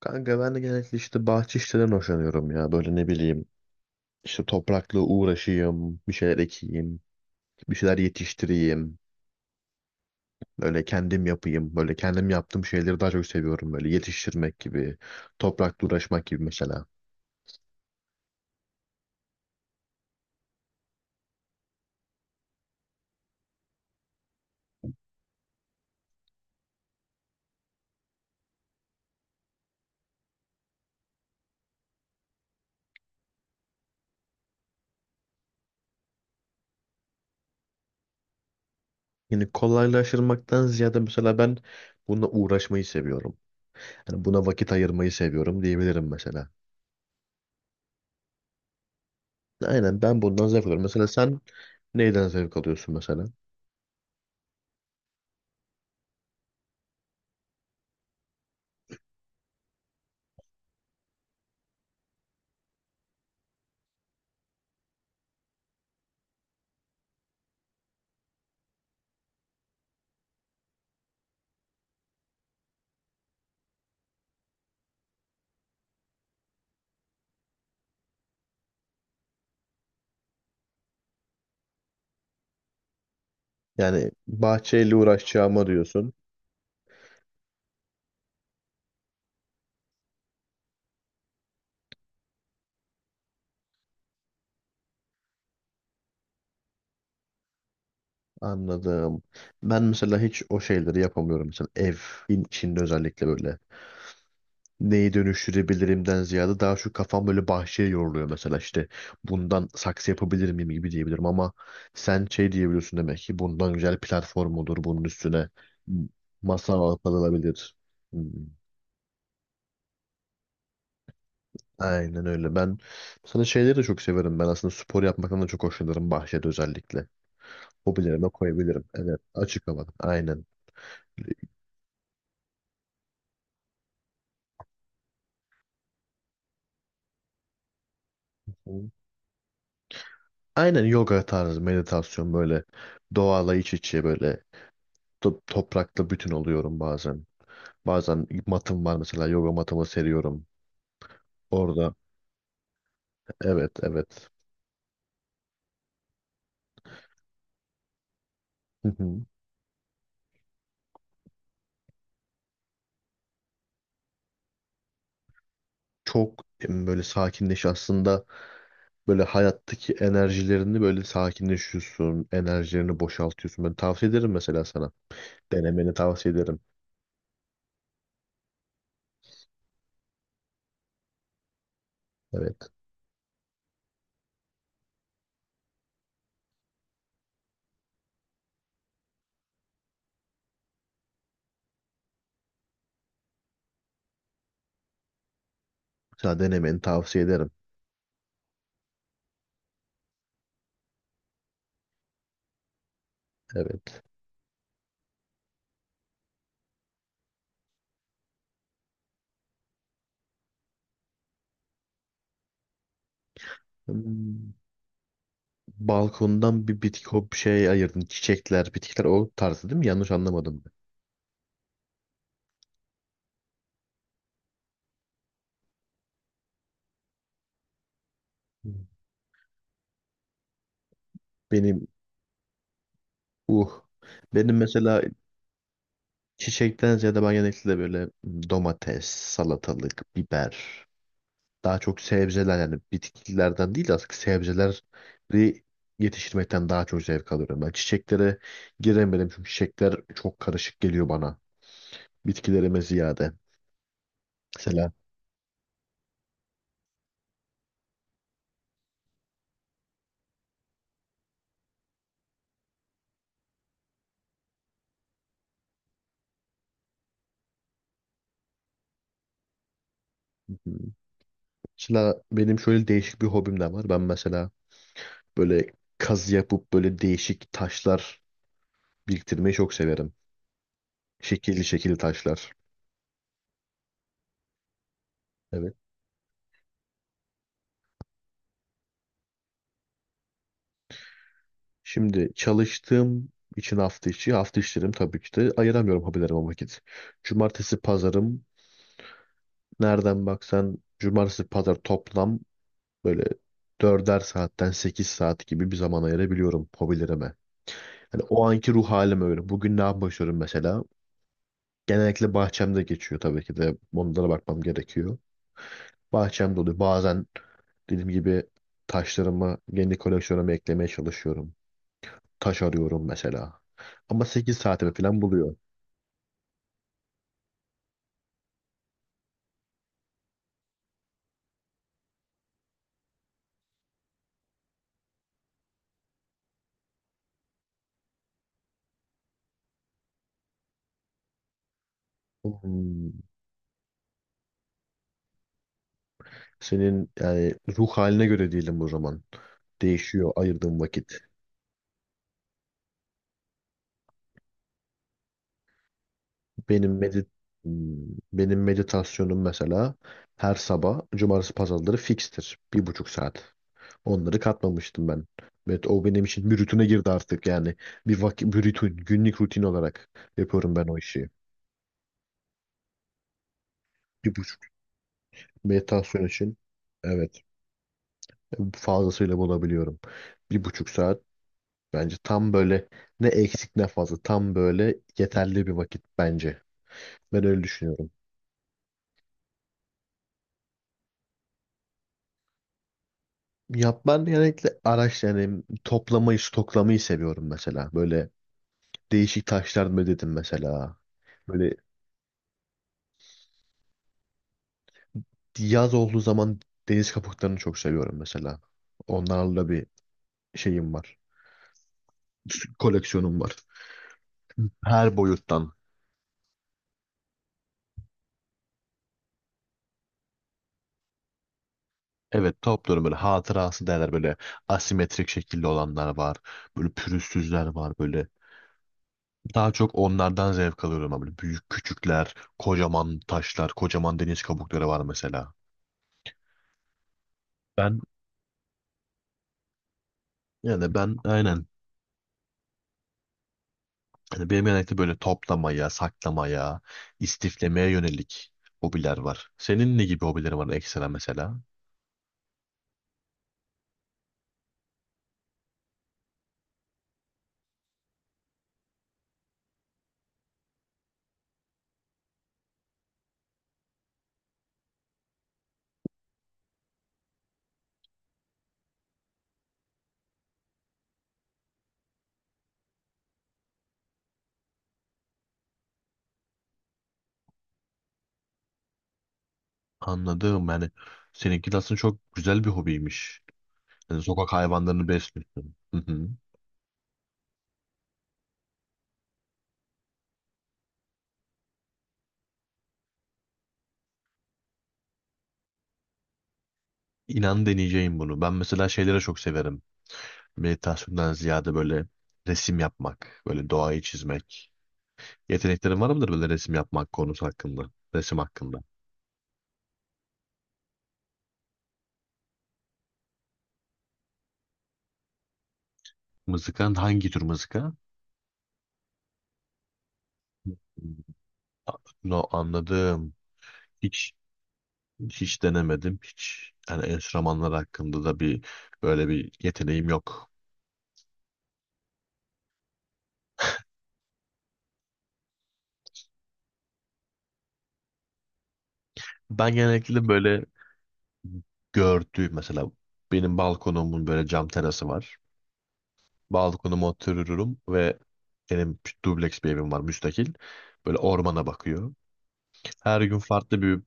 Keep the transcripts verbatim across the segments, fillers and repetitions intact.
Kanka ben de genellikle işte bahçe işlerinden hoşlanıyorum ya. Böyle ne bileyim işte toprakla uğraşayım, bir şeyler ekeyim, bir şeyler yetiştireyim. Böyle kendim yapayım. Böyle kendim yaptığım şeyleri daha çok seviyorum. Böyle yetiştirmek gibi, toprakla uğraşmak gibi mesela. Yani kolaylaştırmaktan ziyade mesela ben bununla uğraşmayı seviyorum. Yani buna vakit ayırmayı seviyorum diyebilirim mesela. Aynen ben bundan zevk alıyorum. Mesela sen neyden zevk alıyorsun mesela? Yani bahçeyle uğraşacağıma diyorsun. Anladım. Ben mesela hiç o şeyleri yapamıyorum. Mesela evin içinde özellikle böyle. Neyi dönüştürebilirimden ziyade daha şu kafam böyle bahçeye yoruluyor mesela işte bundan saksı yapabilir miyim gibi diyebilirim ama sen şey diyebiliyorsun demek ki bundan güzel platform olur, bunun üstüne masa yapılabilir. Hmm. Aynen öyle. Ben sana şeyleri de çok severim. Ben aslında spor yapmaktan da çok hoşlanırım bahçede özellikle. Hobilerime koyabilirim. Evet, açık havada. Aynen. Aynen yoga tarzı meditasyon, böyle doğayla iç içe, böyle to- toprakla bütün oluyorum bazen. Bazen matım var mesela, yoga matımı seriyorum. Orada evet, evet. Hı hı. Çok em, böyle sakinleş aslında, böyle hayattaki enerjilerini böyle sakinleşiyorsun. Enerjilerini boşaltıyorsun. Ben tavsiye ederim mesela sana. Denemeni tavsiye ederim. Evet. Sana denemeni tavsiye ederim. Evet. Hmm. Balkondan bir bitki hop şey ayırdın. Çiçekler, bitkiler o tarzı değil mi? Yanlış anlamadım. Ben. Benim uh. Benim mesela çiçekten ziyade ben genellikle böyle domates, salatalık, biber. Daha çok sebzeler, yani bitkilerden değil de aslında sebzeleri yetiştirmekten daha çok zevk alıyorum. Ben çiçeklere giremedim çünkü çiçekler çok karışık geliyor bana. Bitkilerime ziyade. Mesela, mesela benim şöyle değişik bir hobim de var. Ben mesela böyle kazı yapıp böyle değişik taşlar biriktirmeyi çok severim. Şekilli şekilli taşlar. Evet. Şimdi çalıştığım için hafta içi, hafta içlerim tabii ki de ayıramıyorum hobilerime vakit. Cumartesi pazarım, nereden baksan cumartesi pazar toplam böyle dörder saatten sekiz saat gibi bir zaman ayırabiliyorum hobilerime. Hani o anki ruh halim öyle. Bugün ne yapmışıyorum mesela? Genellikle bahçemde geçiyor tabii ki de. Onlara bakmam gerekiyor. Bahçemde oluyor. Bazen dediğim gibi taşlarımı kendi koleksiyonuma eklemeye çalışıyorum. Taş arıyorum mesela. Ama sekiz saatimi falan buluyor. Hmm. Senin yani ruh haline göre değilim o zaman. Değişiyor ayırdığım vakit. Benim medit Hmm, benim meditasyonum mesela her sabah cumartesi pazarları fikstir. Bir buçuk saat. Onları katmamıştım ben. Evet, o benim için bir rutine girdi artık yani. Bir vakit, bir rutin, günlük rutin olarak yapıyorum ben o işi. Bir buçuk Meditasyon için evet, fazlasıyla bulabiliyorum. Bir buçuk saat bence tam böyle ne eksik ne fazla, tam böyle yeterli bir vakit bence. Ben öyle düşünüyorum. Ya ben genellikle araç yani toplamayı, stoklamayı seviyorum mesela. Böyle değişik taşlar mı dedim mesela. Böyle yaz olduğu zaman deniz kabuklarını çok seviyorum mesela. Onlarla bir şeyim var. Koleksiyonum var. Her boyuttan. Evet, topluyorum, böyle hatırası derler, böyle asimetrik şekilde olanlar var. Böyle pürüzsüzler var böyle. Daha çok onlardan zevk alıyorum ama böyle büyük küçükler, kocaman taşlar, kocaman deniz kabukları var mesela. Ben yani ben aynen yani benim genellikle böyle toplamaya, saklamaya, istiflemeye yönelik hobiler var. Senin ne gibi hobilerin var ekstra mesela? Anladım, yani seninki de aslında çok güzel bir hobiymiş. Yani sokak hayvanlarını besliyorsun. Hı hı. İnan deneyeceğim bunu. Ben mesela şeylere çok severim. Meditasyondan ziyade böyle resim yapmak, böyle doğayı çizmek. Yeteneklerin var mıdır böyle resim yapmak konusu hakkında? Resim hakkında. Mızıkan, hangi tür mızıka? No, anladım. Hiç hiç denemedim. Hiç, yani enstrümanlar hakkında da bir böyle bir yeteneğim yok. Ben genellikle böyle gördüğüm mesela, benim balkonumun böyle cam terası var. Balkonuma otururum ve benim dubleks bir evim var, müstakil. Böyle ormana bakıyor. Her gün farklı bir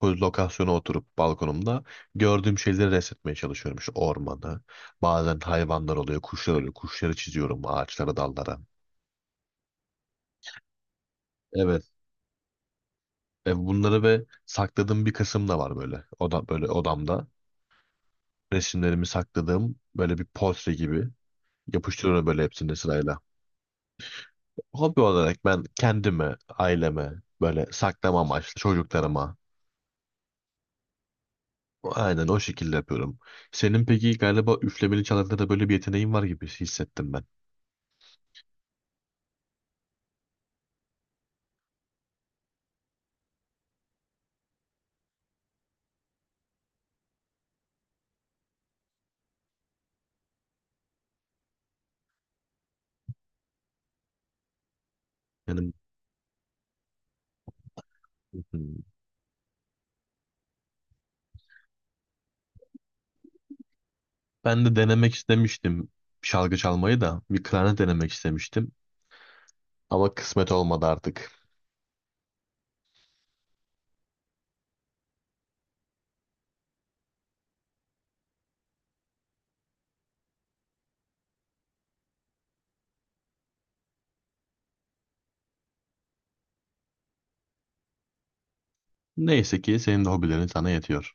poz- lokasyona oturup balkonumda gördüğüm şeyleri resmetmeye çalışıyorum. İşte ormanı. Bazen hayvanlar oluyor, kuşlar oluyor. Kuşları çiziyorum ağaçlara, dallara. Evet. E bunları ve sakladığım bir kısım da var böyle. Oda, böyle odamda. Resimlerimi sakladığım böyle bir portre gibi yapıştırıyorum böyle hepsini sırayla. Hobi olarak ben kendimi, aileme böyle saklama amaçlı, çocuklarıma aynen o şekilde yapıyorum. Senin peki galiba üflemeli çalarda da böyle bir yeteneğin var gibi hissettim ben. Yani hmm, ben de denemek istemiştim, şalgı çalmayı da, bir klarnet denemek istemiştim ama kısmet olmadı artık. Neyse ki senin de hobilerin sana yetiyor.